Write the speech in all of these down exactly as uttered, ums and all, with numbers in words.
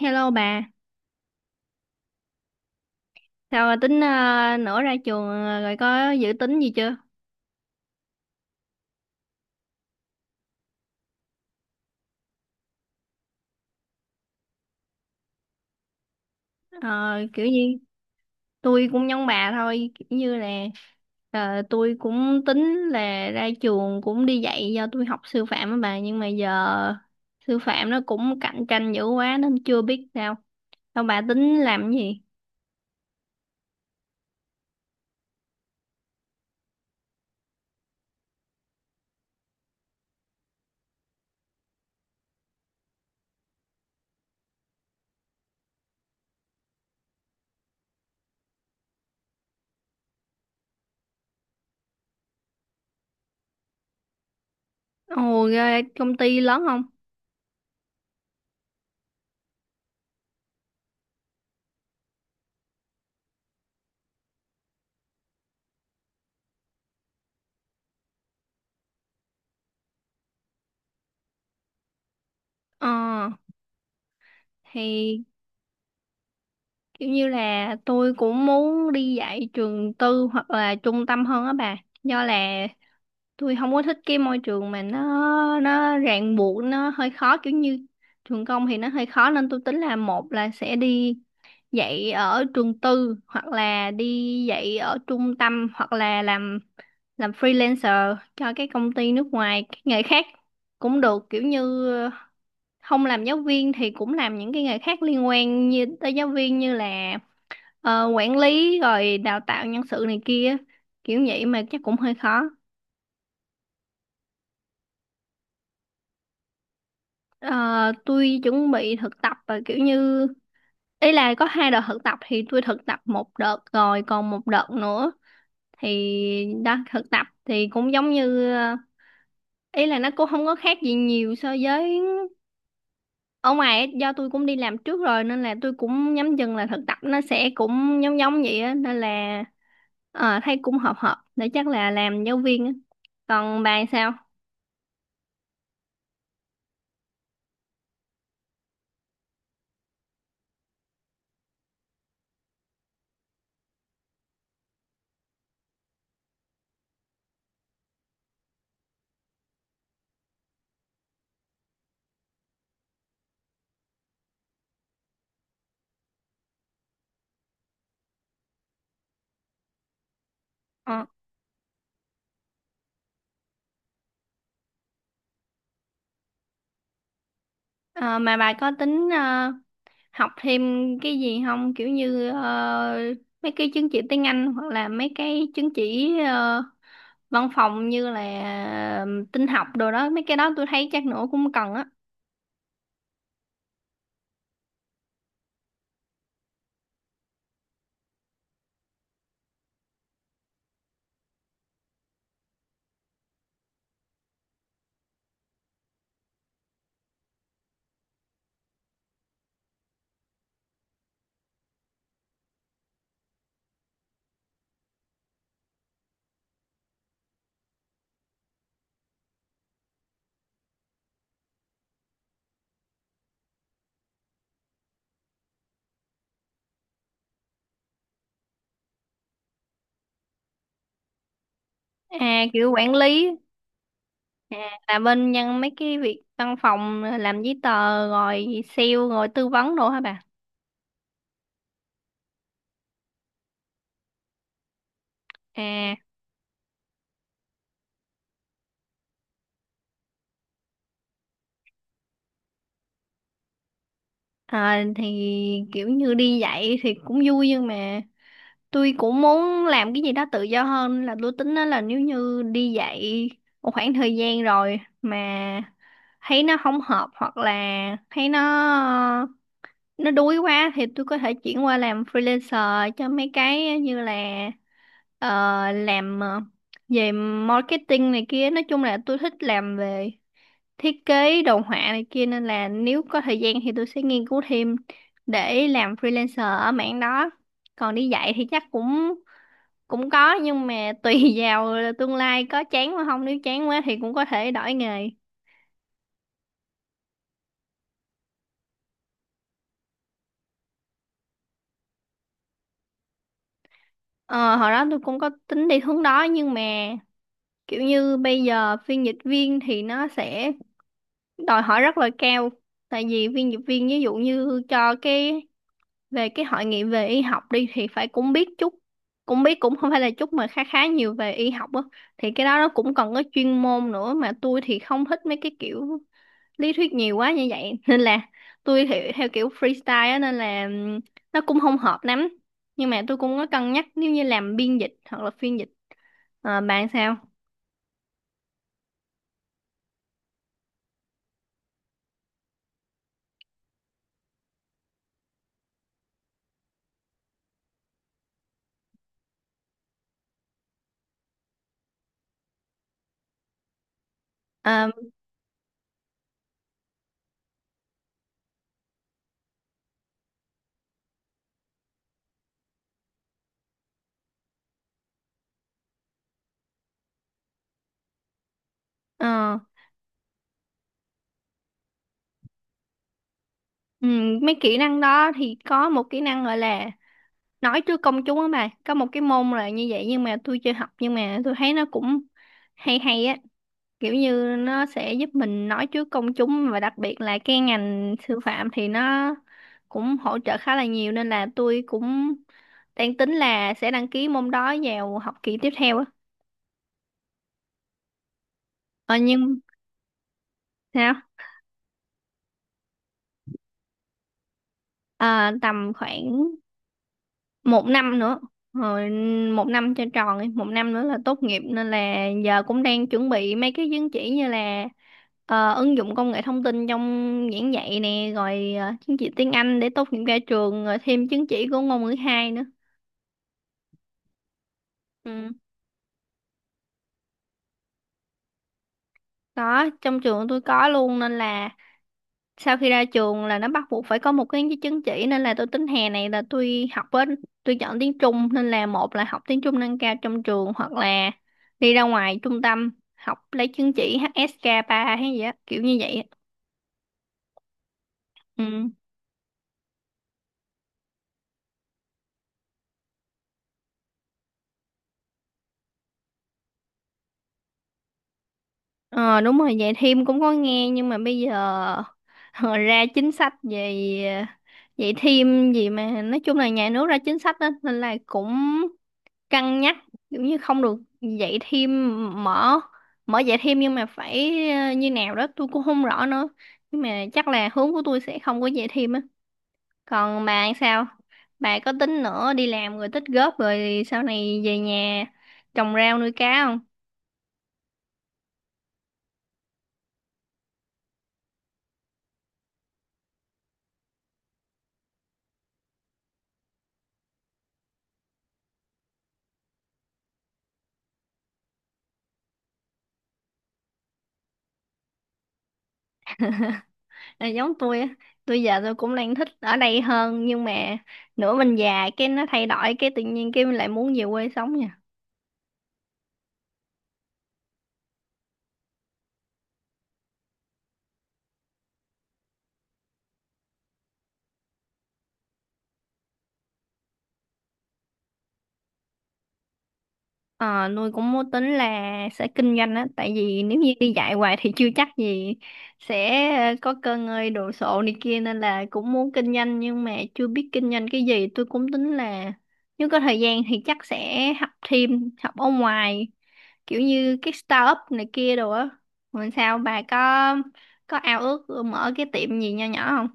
Hello bà, sao bà tính ờ, nữa ra trường ờ, rồi có dự tính gì chưa? Ờ, Kiểu như tôi cũng giống bà thôi, kiểu như là ờ, tôi cũng tính là ra trường cũng đi dạy do tôi học sư phạm á bà, nhưng mà giờ sư phạm nó cũng cạnh tranh dữ quá nên chưa biết sao. Sao bà tính làm cái gì? Ồ, ra công ty lớn không? Ờ, thì kiểu như là tôi cũng muốn đi dạy trường tư hoặc là trung tâm hơn á bà. Do là tôi không có thích cái môi trường mà nó nó ràng buộc nó hơi khó, kiểu như trường công thì nó hơi khó, nên tôi tính là một là sẽ đi dạy ở trường tư hoặc là đi dạy ở trung tâm hoặc là làm làm freelancer cho cái công ty nước ngoài, cái nghề khác cũng được, kiểu như không làm giáo viên thì cũng làm những cái nghề khác liên quan như tới giáo viên như là ờ, quản lý rồi đào tạo nhân sự này kia, kiểu vậy mà chắc cũng hơi khó. Ờ, tôi chuẩn bị thực tập, và kiểu như ý là có hai đợt thực tập thì tôi thực tập một đợt rồi còn một đợt nữa, thì đó, thực tập thì cũng giống như ờ, ý là nó cũng không có khác gì nhiều so với ở ngoài ấy, do tôi cũng đi làm trước rồi nên là tôi cũng nhắm chừng là thực tập nó sẽ cũng giống giống vậy á, nên là ờ, thấy cũng hợp hợp để chắc là làm giáo viên á. Còn bà sao? Ờ, ờ, mà bà có tính ờ, học thêm cái gì không, kiểu như ờ, mấy cái chứng chỉ tiếng Anh hoặc là mấy cái chứng chỉ ờ, văn phòng, như là ờ, tin học đồ đó, mấy cái đó tôi thấy chắc nữa cũng cần á. À, kiểu quản lý. À, là bên nhân mấy cái việc văn phòng, làm giấy tờ rồi sale rồi tư vấn đồ hả bà? À, ờ, thì kiểu như đi dạy thì cũng vui, nhưng mà tôi cũng muốn làm cái gì đó tự do hơn. Là tôi tính đó là nếu như đi dạy một khoảng thời gian rồi mà thấy nó không hợp hoặc là thấy nó nó đuối quá thì tôi có thể chuyển qua làm freelancer cho mấy cái như là ờ, làm ờ, về marketing này kia. Nói chung là tôi thích làm về thiết kế đồ họa này kia, nên là nếu có thời gian thì tôi sẽ nghiên cứu thêm để làm freelancer ở mảng đó. Còn đi dạy thì chắc cũng cũng có, nhưng mà tùy vào tương lai, có chán mà không, nếu chán quá thì cũng có thể đổi nghề. Ờ, hồi đó tôi cũng có tính đi hướng đó, nhưng mà kiểu như bây giờ phiên dịch viên thì nó sẽ đòi hỏi rất là cao, tại vì phiên dịch viên ví dụ như cho cái về cái hội nghị về y học đi thì phải cũng biết chút, cũng biết, cũng không phải là chút mà khá khá nhiều về y học á, thì cái đó nó cũng cần có chuyên môn nữa, mà tôi thì không thích mấy cái kiểu lý thuyết nhiều quá như vậy nên là tôi thì theo kiểu freestyle á, nên là ừm, nó cũng không hợp lắm, nhưng mà tôi cũng có cân nhắc nếu như làm biên dịch hoặc là phiên dịch. Ờ, bạn sao? Ờ, ờ, ừm, mấy kỹ năng đó thì có một kỹ năng gọi là nói trước công chúng á bà, có một cái môn là như vậy nhưng mà tôi chưa học, nhưng mà tôi thấy nó cũng hay hay á, kiểu như nó sẽ giúp mình nói trước công chúng, và đặc biệt là cái ngành sư phạm thì nó cũng hỗ trợ khá là nhiều, nên là tôi cũng đang tính là sẽ đăng ký môn đó vào học kỳ tiếp theo á. Ờ, nhưng sao? Ờ, tầm khoảng một năm nữa rồi, một năm cho tròn đi, một năm nữa là tốt nghiệp, nên là giờ cũng đang chuẩn bị mấy cái chứng chỉ như là ờ, ứng dụng công nghệ thông tin trong giảng dạy nè, rồi ờ, chứng chỉ tiếng Anh để tốt nghiệp ra trường, rồi thêm chứng chỉ của ngôn ngữ hai nữa. Ừ. Đó, trong trường tôi có luôn nên là sau khi ra trường là nó bắt buộc phải có một cái chứng chỉ, nên là tôi tính hè này là tôi học với tôi chọn tiếng Trung, nên là một là học tiếng Trung nâng cao trong trường, hoặc là đi ra ngoài trung tâm học lấy chứng chỉ hát ét ca ba hay gì á, kiểu như vậy á. Ừ. Ờ, đúng rồi, vậy thêm cũng có nghe, nhưng mà bây giờ ờ, ra chính sách về vậy thêm gì, mà nói chung là nhà nước ra chính sách đó nên là cũng cân nhắc, kiểu như không được dạy thêm, mở mở dạy thêm nhưng mà phải ờ, như nào đó tôi cũng không rõ nữa, nhưng mà chắc là hướng của tôi sẽ không có dạy thêm á. Còn bà thì sao, bà có tính nữa đi làm rồi tích góp rồi sau này về nhà trồng rau nuôi cá không? À, giống tôi á, tôi giờ tôi cũng đang thích ở đây hơn, nhưng mà nửa mình già cái nó thay đổi, cái tự nhiên cái mình lại muốn về quê sống nha. Ờ, nuôi cũng có tính là sẽ kinh doanh á, tại vì nếu như đi dạy hoài thì chưa chắc gì sẽ ờ, có cơ ngơi đồ sộ này kia, nên là cũng muốn kinh doanh, nhưng mà chưa biết kinh doanh cái gì. Tôi cũng tính là nếu có thời gian thì chắc sẽ học thêm, học ở ngoài, kiểu như cái startup này kia đồ á. Còn sao bà có có ao ước mở cái tiệm gì nho nhỏ không?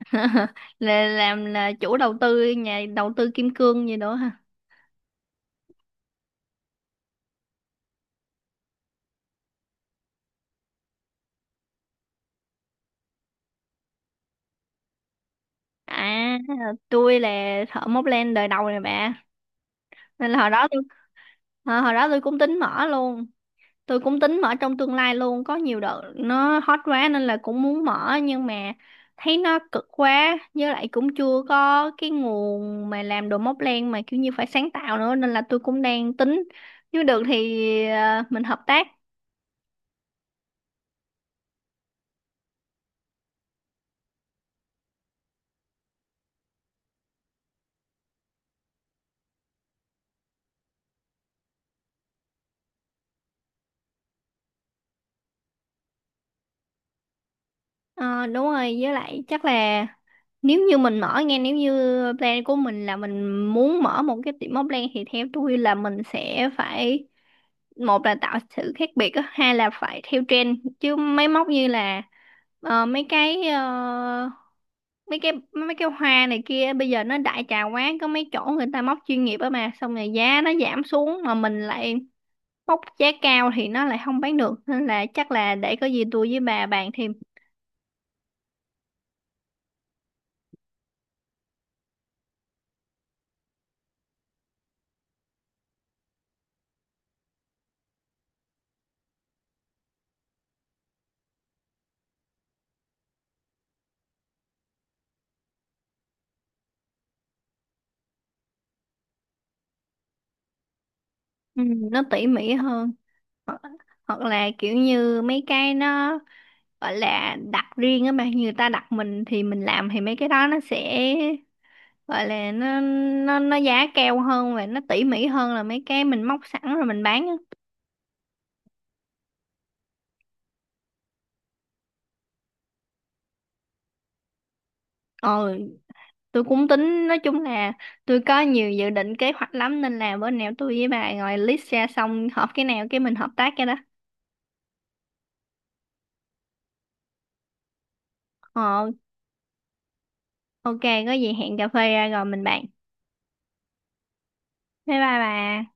Là làm là chủ đầu tư, nhà đầu tư kim cương gì đó. À, tôi là thợ móc len đời đầu này bà. Nên là hồi đó tôi, hồi hồi đó tôi cũng tính mở luôn. Tôi cũng tính mở trong tương lai luôn, có nhiều đợt nó hot quá nên là cũng muốn mở, nhưng mà thấy nó cực quá, với lại cũng chưa có cái nguồn mà làm đồ móc len mà kiểu như phải sáng tạo nữa, nên là tôi cũng đang tính. Nếu được thì ờ, mình hợp tác. Ờ, đúng rồi, với lại chắc là nếu như mình mở, nghe, nếu như plan của mình là mình muốn mở một cái tiệm móc len thì theo tôi là mình sẽ phải, một là tạo sự khác biệt á, hai là phải theo trend chứ máy móc, như là ờ, mấy cái ờ, mấy cái mấy cái hoa này kia bây giờ nó đại trà quá, có mấy chỗ người ta móc chuyên nghiệp á, mà xong rồi giá nó giảm xuống mà mình lại móc giá cao thì nó lại không bán được, nên là chắc là để có gì tôi với bà bàn thêm. Ừ, nó tỉ mỉ hơn, hoặc là kiểu như mấy cái nó gọi là đặt riêng á, mà như người ta đặt mình thì mình làm, thì mấy cái đó nó sẽ gọi là nó nó nó giá cao hơn và nó tỉ mỉ hơn là mấy cái mình móc sẵn rồi mình bán á. Ờ, tôi cũng tính, nói chung là tôi có nhiều dự định kế hoạch lắm, nên là bữa nào tôi với bà ngồi list ra xong hợp cái nào cái mình hợp tác cái đó. Ờ, ok, có gì hẹn cà phê ra rồi mình bàn. Bye bye bà.